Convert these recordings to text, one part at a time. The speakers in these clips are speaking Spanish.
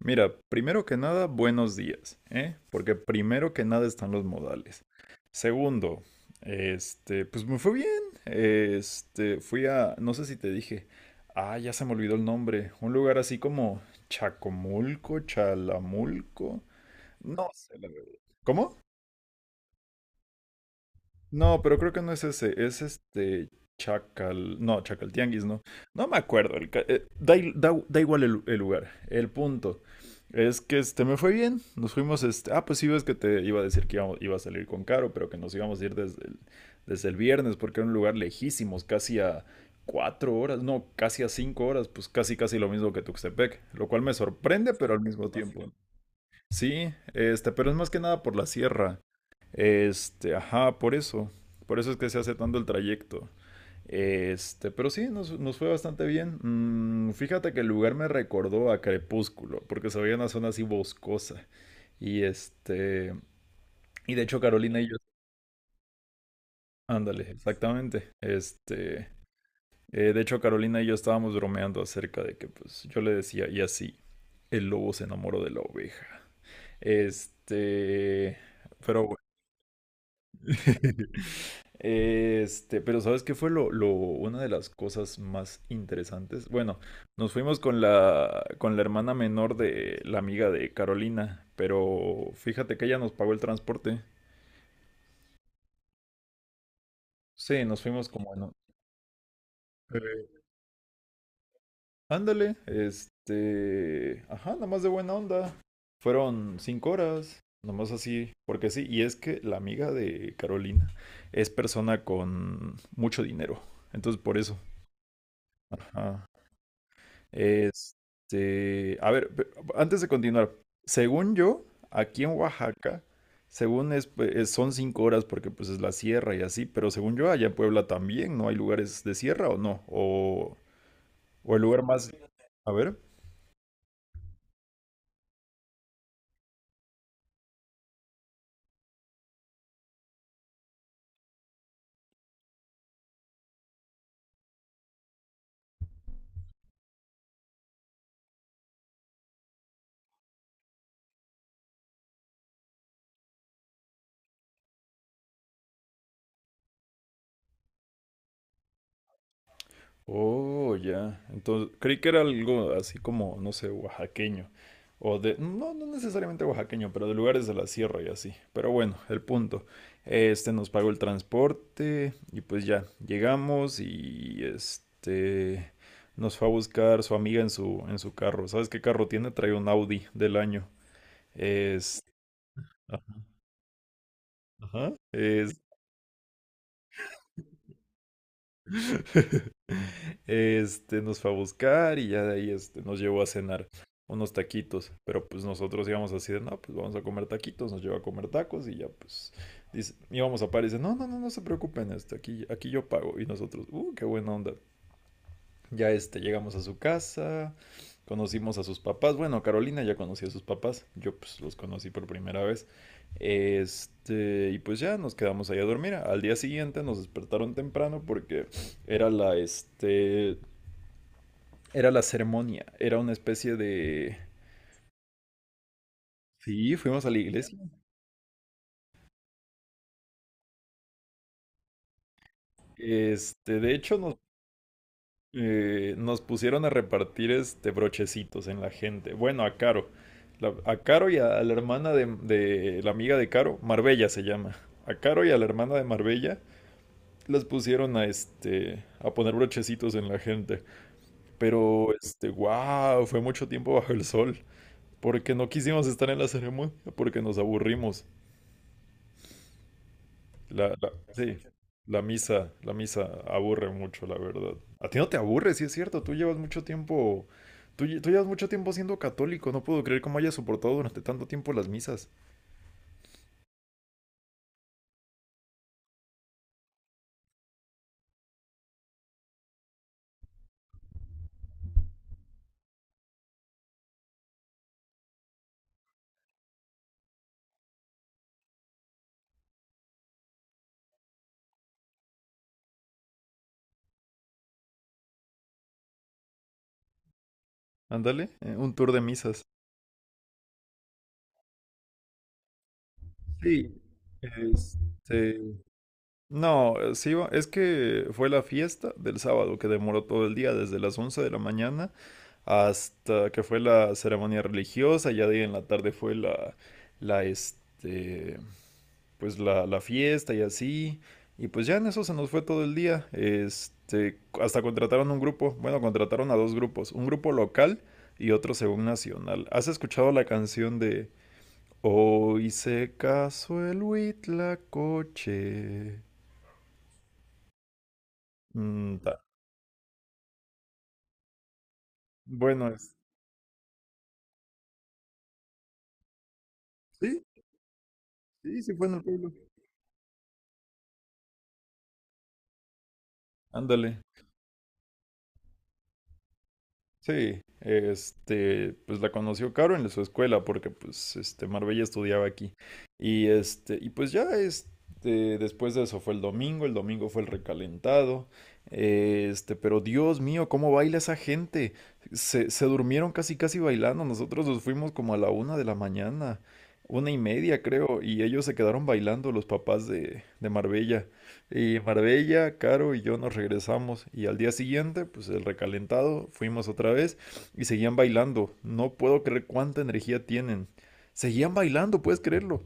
Mira, primero que nada, buenos días, ¿eh? Porque primero que nada están los modales. Segundo, pues me fue bien. Fui a, no sé si te dije, ya se me olvidó el nombre, un lugar así como Chacomulco, Chalamulco, no sé la verdad. ¿Cómo? No, pero creo que no es ese, es este Chacal, no, Chacal Tianguis, no. No me acuerdo, el ca- da, i- da- da igual el lugar, el punto. Es que me fue bien, nos fuimos, pues sí ves que te iba a decir que iba a salir con Caro, pero que nos íbamos a ir desde el viernes porque era un lugar lejísimos, casi a 4 horas, no, casi a 5 horas, pues casi casi lo mismo que Tuxtepec, lo cual me sorprende, pero al mismo tiempo. Sí, pero es más que nada por la sierra. Ajá, por eso. Por eso es que se hace tanto el trayecto. Pero sí, nos fue bastante bien. Fíjate que el lugar me recordó a Crepúsculo, porque se veía una zona así boscosa. Y y de hecho Carolina y yo, ándale, exactamente. De hecho Carolina y yo estábamos bromeando acerca de que pues yo le decía, y así, el lobo se enamoró de la oveja. Este, pero bueno. Pero ¿sabes qué fue una de las cosas más interesantes? Bueno, nos fuimos con con la hermana menor de la amiga de Carolina, pero fíjate que ella nos pagó el transporte. Sí, nos fuimos como en... Eh, ándale, ajá, nomás de buena onda. Fueron cinco horas, nomás así, porque sí, y es que la amiga de Carolina es persona con mucho dinero, entonces por eso. Ajá. A ver, antes de continuar, según yo, aquí en Oaxaca, según es, pues, son 5 horas porque pues es la sierra y así, pero según yo, allá en Puebla también, ¿no hay lugares de sierra o no? O el lugar más... A ver. Oh, ya. Entonces, creí que era algo así como, no sé, oaxaqueño. O de, no, no necesariamente oaxaqueño, pero de lugares de la sierra y así. Pero bueno, el punto. Nos pagó el transporte y pues ya, llegamos y nos fue a buscar su amiga en su carro. ¿Sabes qué carro tiene? Trae un Audi del año. Es... Ajá. Es... Nos fue a buscar y ya de ahí nos llevó a cenar unos taquitos. Pero pues nosotros íbamos así de, no, pues vamos a comer taquitos, nos llevó a comer tacos y ya pues dice, íbamos a par y dice, no, no, no, no se preocupen, aquí yo pago. Y nosotros, qué buena onda. Ya llegamos a su casa, conocimos a sus papás. Bueno, Carolina ya conocía a sus papás, yo pues los conocí por primera vez. Y pues ya nos quedamos ahí a dormir. Al día siguiente nos despertaron temprano porque era la, este, era la ceremonia, era una especie de... Sí, fuimos a la iglesia. De hecho, nos pusieron a repartir brochecitos en la gente. Bueno, a Caro. A Caro y a la hermana de la amiga de Caro, Marbella se llama. A Caro y a la hermana de Marbella las pusieron a a poner brochecitos en la gente. Pero wow, fue mucho tiempo bajo el sol. Porque no quisimos estar en la ceremonia, porque nos aburrimos. Sí, la misa aburre mucho, la verdad. A ti no te aburre, sí es cierto, tú llevas mucho tiempo siendo católico, no puedo creer cómo hayas soportado durante tanto tiempo las misas. Ándale, un tour de misas. Sí, este... No, sí, es que fue la fiesta del sábado que demoró todo el día, desde las 11 de la mañana hasta que fue la ceremonia religiosa, ya de ahí en la tarde fue la este, la fiesta y así, y pues ya en eso se nos fue todo el día, hasta contrataron un grupo, bueno, contrataron a dos grupos, un grupo local y otro según nacional. ¿Has escuchado la canción de Hoy se casó el Huitlacoche? Mm, ta- Bueno, es... Sí, sí, sí fue en el pueblo. Ándale. Sí, pues la conoció Caro en su escuela porque pues Marbella estudiaba aquí. Y y pues ya después de eso fue el domingo fue el recalentado. Pero Dios mío, cómo baila esa gente. Se durmieron casi casi bailando. Nosotros nos fuimos como a la 1 de la mañana, 1:30 creo, y ellos se quedaron bailando, los papás de Marbella. Y Marbella, Caro y yo nos regresamos y al día siguiente, pues el recalentado, fuimos otra vez y seguían bailando. No puedo creer cuánta energía tienen. Seguían bailando, puedes creerlo.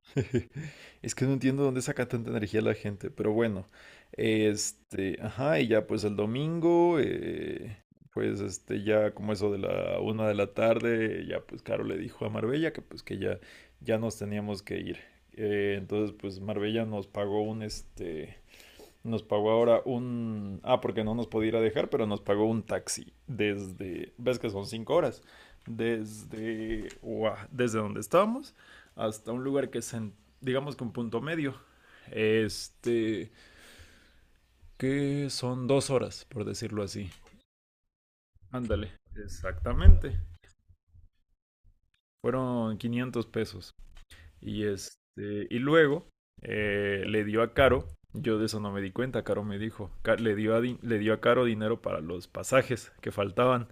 Es que no entiendo dónde saca tanta energía la gente, pero bueno. Ajá, y ya pues el domingo, pues ya como eso de la 1 de la tarde, ya pues Caro le dijo a Marbella que pues que ya nos teníamos que ir. Entonces pues Marbella nos pagó un este Nos pagó ahora un... Ah, porque no nos podía ir a dejar, pero nos pagó un taxi desde... ¿Ves que son 5 horas? Desde donde estábamos hasta un lugar que es, en, digamos que un punto medio. Este... Que son 2 horas, por decirlo así. Ándale. Exactamente. Fueron 500 pesos. Y, y luego le dio a Caro, yo de eso no me di cuenta, Caro me dijo, le dio a Caro dinero para los pasajes que faltaban,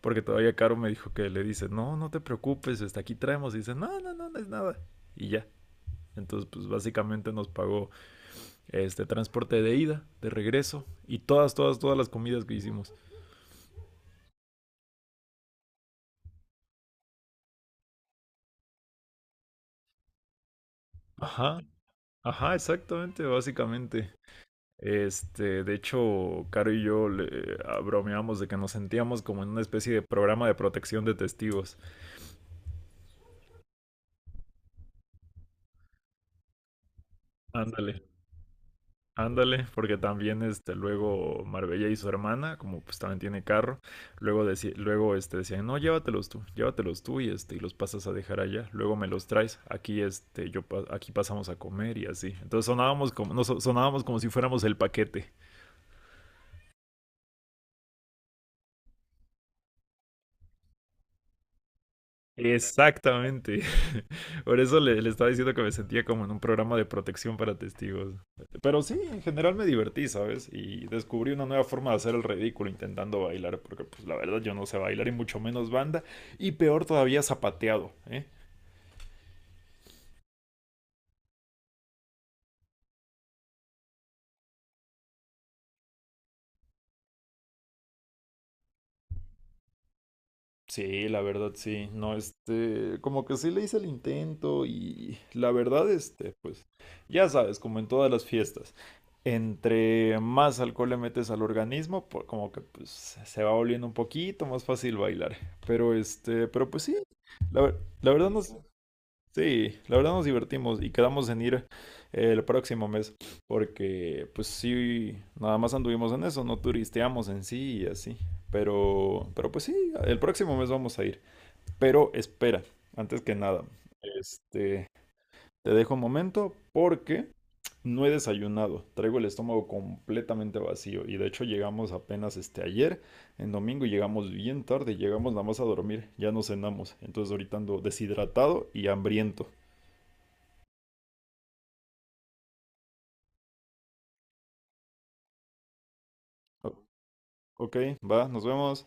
porque todavía Caro me dijo que le dice, no, no te preocupes, hasta aquí traemos, y dice, no, no, no, no es nada, y ya. Entonces, pues básicamente nos pagó este transporte de ida, de regreso, y todas, todas, todas las comidas que hicimos. Ajá, ajá, exactamente, básicamente. De hecho, Caro y yo le bromeamos de que nos sentíamos como en una especie de programa de protección de testigos. Ándale, ándale, porque también luego Marbella y su hermana, como pues también tiene carro, luego, decían, no, llévatelos tú y los pasas a dejar allá, luego me los traes, aquí, este, yo, pa- aquí pasamos a comer y así. Entonces sonábamos como si fuéramos el paquete. Exactamente. Por eso le estaba diciendo que me sentía como en un programa de protección para testigos. Pero sí, en general me divertí, ¿sabes? Y descubrí una nueva forma de hacer el ridículo intentando bailar, porque pues la verdad yo no sé bailar y mucho menos banda, y peor todavía zapateado, ¿eh? Sí, la verdad sí, no, como que sí le hice el intento y la verdad, pues, ya sabes, como en todas las fiestas, entre más alcohol le metes al organismo, como que pues se va volviendo un poquito más fácil bailar, pero pero pues sí, la verdad no, sí, la verdad nos divertimos y quedamos en ir el próximo mes porque pues sí, nada más anduvimos en eso, no turisteamos en sí y así. Pero pues sí, el próximo mes vamos a ir. Pero espera, antes que nada, este, te dejo un momento porque no he desayunado. Traigo el estómago completamente vacío y de hecho llegamos apenas ayer, en domingo, y llegamos bien tarde, llegamos nada más a dormir, ya no cenamos. Entonces ahorita ando deshidratado y hambriento. Ok, va, nos vemos.